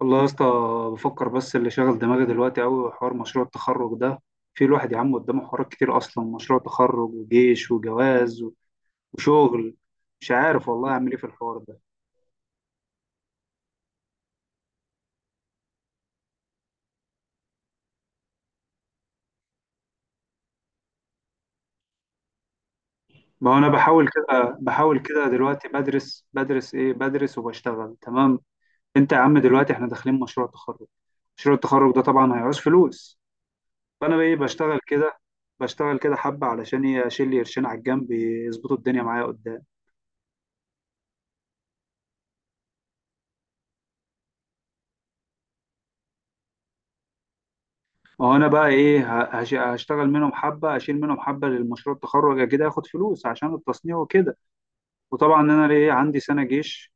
والله يا اسطى، بفكر. بس اللي شاغل دماغي دلوقتي قوي حوار مشروع التخرج ده. في الواحد يا عم قدامه حوارات كتير، اصلا مشروع تخرج وجيش وجواز وشغل. مش عارف والله اعمل ايه في الحوار ده. ما هو انا بحاول كده بحاول كده دلوقتي، بدرس ايه بدرس وبشتغل، تمام. انت يا عم دلوقتي احنا داخلين مشروع تخرج. مشروع التخرج ده طبعا هيعوز فلوس، فانا بقى ايه، بشتغل كده، بشتغل كده حبة، علشان إيه؟ اشيل لي قرشين على الجنب يظبطوا الدنيا معايا قدام. ما هو انا بقى ايه هشتغل منهم حبه، اشيل منهم حبه للمشروع التخرج كده، اخد فلوس عشان التصنيع وكده. وطبعا انا ليه عندي سنه جيش،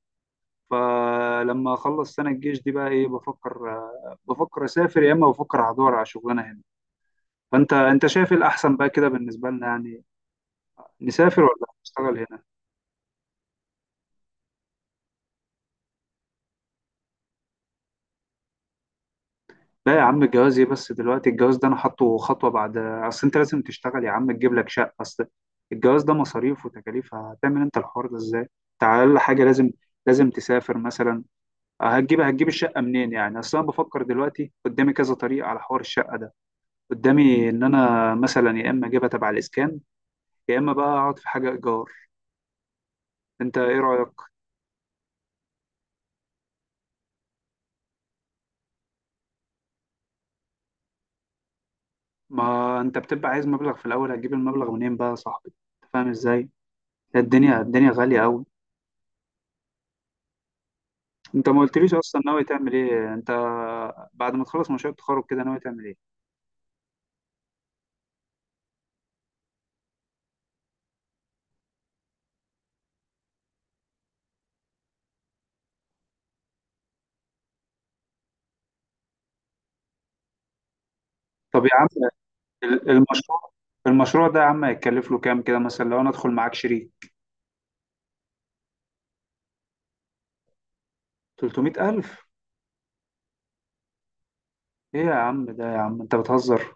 فلما اخلص سنه الجيش دي بقى ايه، بفكر، بفكر اسافر، يا اما بفكر هدور على شغلانه هنا. فانت شايف إيه الاحسن بقى كده بالنسبه لنا يعني، نسافر ولا نشتغل هنا؟ لا يا عم، الجواز ايه بس دلوقتي؟ الجواز ده انا حاطه خطوه بعد، اصل انت لازم تشتغل يا عم، تجيب لك شقه، اصل الجواز ده مصاريف وتكاليف، هتعمل انت الحوار ده ازاي؟ انت على اقل حاجه لازم تسافر مثلا. هتجيب الشقه منين يعني؟ اصل انا بفكر دلوقتي قدامي كذا طريقه على حوار الشقه ده. قدامي ان انا مثلا يا اما اجيبها تبع الاسكان، يا اما بقى اقعد في حاجه ايجار. انت ايه رايك؟ ما انت بتبقى عايز مبلغ في الاول، هتجيب المبلغ منين بقى يا صاحبي؟ أنت فاهم ازاي؟ الدنيا غاليه قوي. انت ما قلتليش اصلا ناوي تعمل ايه انت؟ بعد ما تخلص مشروع التخرج كده ناوي تعمل ايه؟ طب يا عم، ال- المشروع المشروع ده يا عم هيتكلف له كام كده، مثلا لو انا ادخل معاك شريك؟ 300,000؟ ايه يا عم، ده يا عم انت بتهزر.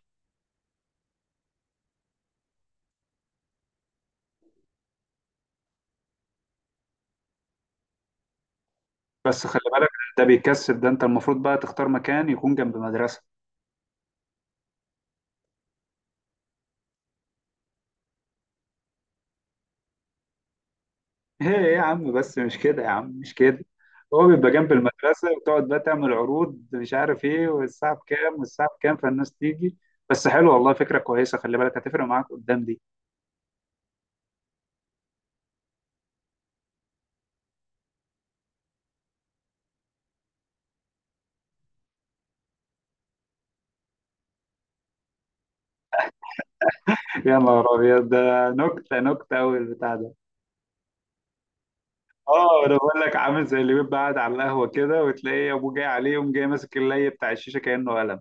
بس خلي بالك، ده بيكسب. ده انت المفروض بقى تختار مكان يكون جنب مدرسة. ايه يا عم، بس مش كده يا عم، مش كده. هو بيبقى جنب المدرسة وتقعد بقى تعمل عروض مش عارف ايه، والساعة بكام والساعة بكام، فالناس تيجي. بس حلو والله، فكرة كويسة، خلي بالك هتفرق معاك قدام دي. يا نهار ابيض، ده نكته، نكته قوي البتاع ده. اه انا بقول لك، عامل زي اللي بيبقى قاعد على القهوه كده وتلاقي ابوه جاي عليه، يقوم جاي ماسك اللي بتاع الشيشه كانه قلم.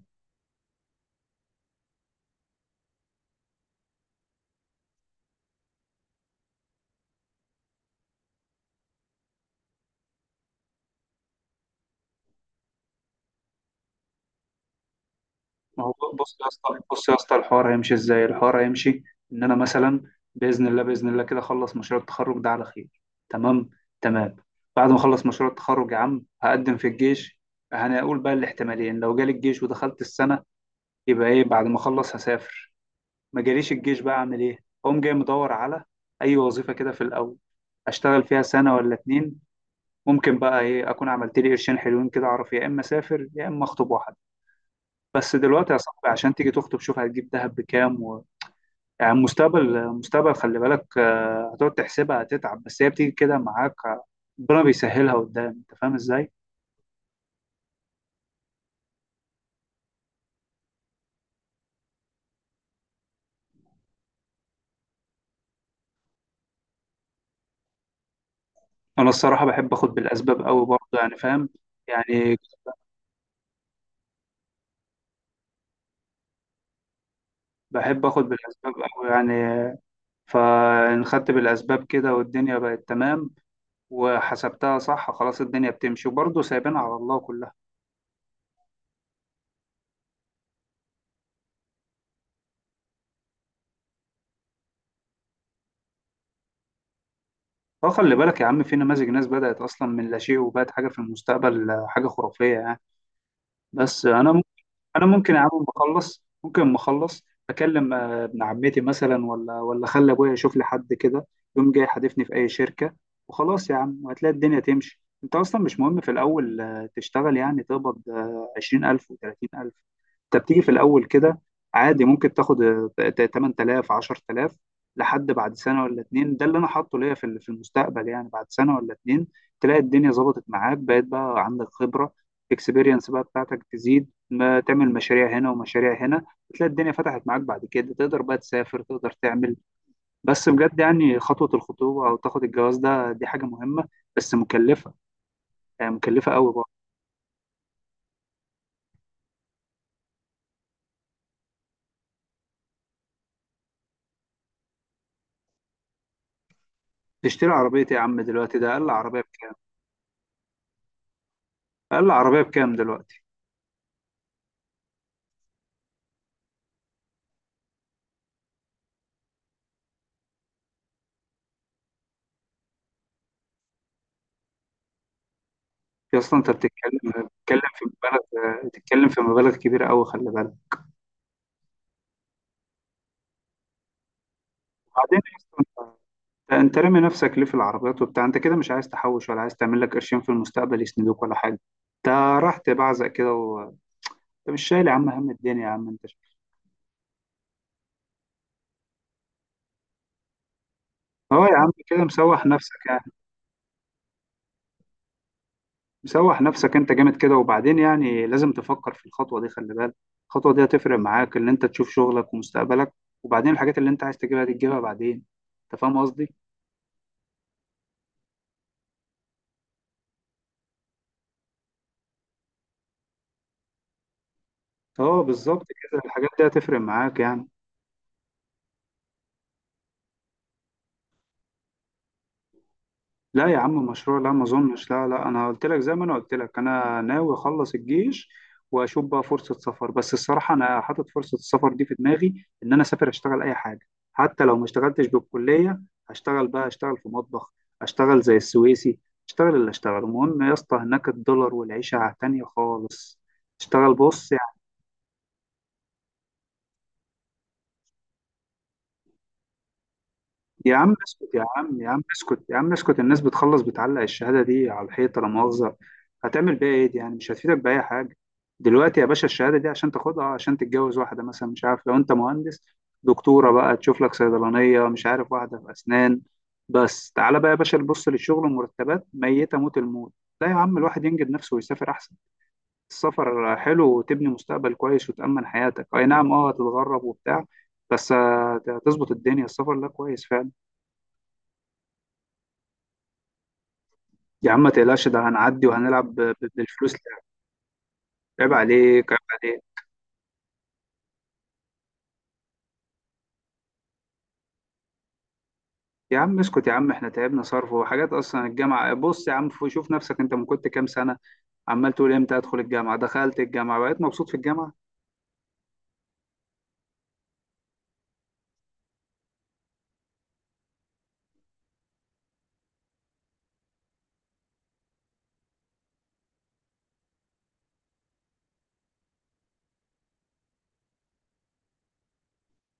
ما هو بص يا اسطى، الحوار هيمشي ازاي؟ الحوار هيمشي ان انا مثلا باذن الله، كده اخلص مشروع التخرج ده على خير، تمام، تمام. بعد ما اخلص مشروع التخرج يا عم هقدم في الجيش. هنقول بقى الاحتمالين، لو جالي الجيش ودخلت السنه، يبقى ايه بعد ما اخلص هسافر. ما جاليش الجيش بقى اعمل ايه؟ اقوم جاي مدور على اي وظيفه كده في الاول، اشتغل فيها سنه ولا اتنين. ممكن بقى ايه اكون عملت لي قرشين حلوين كده، اعرف يا اما اسافر، يا اما اخطب واحد. بس دلوقتي يا صاحبي، عشان تيجي تخطب شوف هتجيب دهب بكام و... يعني المستقبل مستقبل، خلي بالك، هتقعد تحسبها هتتعب، بس هي بتيجي كده معاك. ربنا بيسهلها قدام، انت فاهم ازاي. انا الصراحه بحب اخد بالاسباب قوي برضه يعني، فاهم. يعني بحب اخد بالاسباب قوي يعني. فانخدت بالأسباب كده والدنيا بقت تمام، وحسبتها صح، خلاص الدنيا بتمشي، وبرضه سايبين على الله كلها. فخلي بالك يا عم، في نماذج ناس بدأت أصلا من لا شيء وبقت حاجة في المستقبل، حاجة خرافية يعني. بس أنا، انا ممكن يا عم بخلص، ممكن ما اخلص، اكلم ابن عمتي مثلا، ولا اخلي ابويا يشوف لي حد كده، يوم جاي حادفني في اي شركه. وخلاص يا عم، وهتلاقي الدنيا تمشي. انت اصلا مش مهم في الاول تشتغل يعني، تقبض 20,000 وتلاتين الف. انت بتيجي في الاول كده عادي، ممكن تاخد 8,000، 10,000، لحد بعد سنه ولا اتنين. ده اللي انا حاطه ليا في في المستقبل يعني، بعد سنه ولا اتنين تلاقي الدنيا ظبطت معاك، بقيت بقى عندك خبره، اكسبيرينس بقى بتاعتك تزيد. ما تعمل مشاريع هنا ومشاريع هنا، بتلاقي الدنيا فتحت معاك بعد كده، تقدر بقى تسافر، تقدر تعمل. بس بجد يعني خطوة الخطوبة أو تاخد الجواز ده، دي حاجة مهمة بس مكلفة، يعني مكلفة قوي برضه. تشتري عربية إيه يا عم دلوقتي؟ ده أقل عربية بكام؟ أقل عربية بكام دلوقتي؟ يا أصلا أنت بتتكلم، بتتكلم في مبالغ بتتكلم في مبالغ كبيرة قوي، خلي بالك. وبعدين يا أسطى، أنت رامي نفسك ليه في العربيات وبتاع؟ أنت كده مش عايز تحوش ولا عايز تعمل لك قرشين في المستقبل يسندوك ولا حاجة؟ أنت راح تبعزق كده، انت مش شايل يا عم هم الدنيا يا عم انت. اه يا عم كده مسوح نفسك يعني، مسوح نفسك انت جامد كده. وبعدين يعني لازم تفكر في الخطوه دي، خلي بالك الخطوه دي هتفرق معاك، ان انت تشوف شغلك ومستقبلك، وبعدين الحاجات اللي انت عايز تجيبها دي تجيبها بعدين. انت فاهم قصدي؟ اه بالظبط كده، الحاجات دي هتفرق معاك يعني. لا يا عم مشروع، لا، ما اظنش، لا، لا، انا قلت لك، زي ما انا قلت لك، انا ناوي اخلص الجيش واشوف بقى فرصه سفر. بس الصراحه انا حاطط فرصه السفر دي في دماغي، ان انا اسافر اشتغل اي حاجه، حتى لو ما اشتغلتش بالكليه. هشتغل بقى، اشتغل في مطبخ، اشتغل زي السويسي، اشتغل اللي اشتغل، المهم يا اسطى هناك الدولار والعيشه تانية خالص. اشتغل بص. يا عم اسكت يا عم، اسكت. الناس بتخلص بتعلق الشهادة دي على الحيطة، لا مؤاخذة. هتعمل بيها ايه دي يعني؟ مش هتفيدك بأي حاجة. دلوقتي يا باشا الشهادة دي عشان تاخدها عشان تتجوز واحدة مثلا، مش عارف، لو انت مهندس دكتورة بقى تشوف لك صيدلانية، مش عارف واحدة في أسنان. بس تعالى بقى يا باشا نبص للشغل والمرتبات، ميتة موت الموت. لا يا عم، الواحد ينجد نفسه ويسافر أحسن. السفر حلو، وتبني مستقبل كويس وتأمن حياتك، أي نعم اه هتتغرب وبتاع، بس هتظبط الدنيا، السفر ده كويس فعلا. يا عم ما تقلقش، ده هنعدي وهنلعب بالفلوس لعب. عيب عليك، عيب عليك. يا عم اسكت يا عم، احنا تعبنا صرف وحاجات، اصلا الجامعه بص يا عم، شوف نفسك انت من كنت كام سنه عمال تقول امتى ادخل الجامعه، دخلت الجامعه بقيت مبسوط في الجامعه.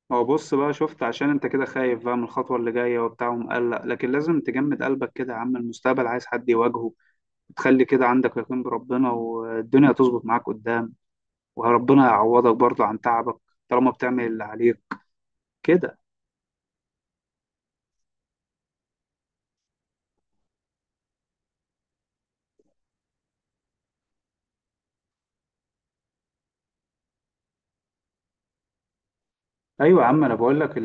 ما هو بص بقى، شفت، عشان انت كده خايف بقى من الخطوه اللي جايه وبتاع ومقلق، لكن لازم تجمد قلبك كده يا عم، المستقبل عايز حد يواجهه. تخلي كده عندك يقين بربنا والدنيا تظبط معاك قدام، وربنا يعوضك برضه عن تعبك طالما بتعمل اللي عليك كده. ايوه يا عم انا بقول لك،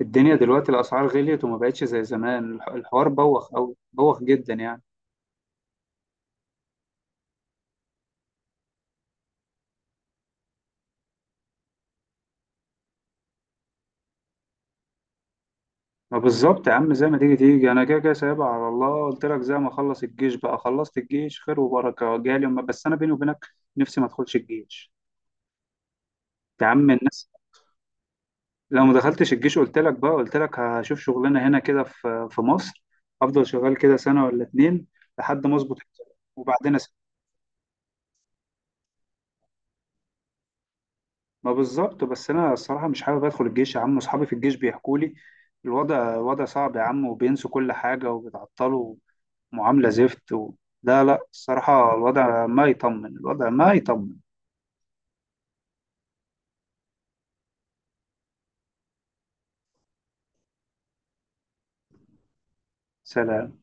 الدنيا دلوقتي الأسعار غليت وما بقتش زي زمان، الحوار بوخ أوي، بوخ جدا يعني. ما بالظبط يا عم، زي ما تيجي تيجي أنا كده كده سايبها على الله، قلت لك زي ما أخلص الجيش بقى، خلصت الجيش خير وبركة جالي، بس أنا بيني وبينك نفسي ما أدخلش الجيش. يا عم الناس، لو ما دخلتش الجيش قلت لك بقى، قلت لك هشوف شغلانة هنا كده في مصر، أفضل شغال كده سنة ولا اتنين لحد ما أظبط حالي. وبعدين ما بالظبط. بس انا الصراحه مش حابب ادخل الجيش يا عم، اصحابي في الجيش بيحكوا لي الوضع، وضع صعب يا عم، وبينسوا كل حاجه وبيتعطلوا، معامله زفت و... لا لا، الصراحه الوضع ما يطمن، الوضع ما يطمن. سلام.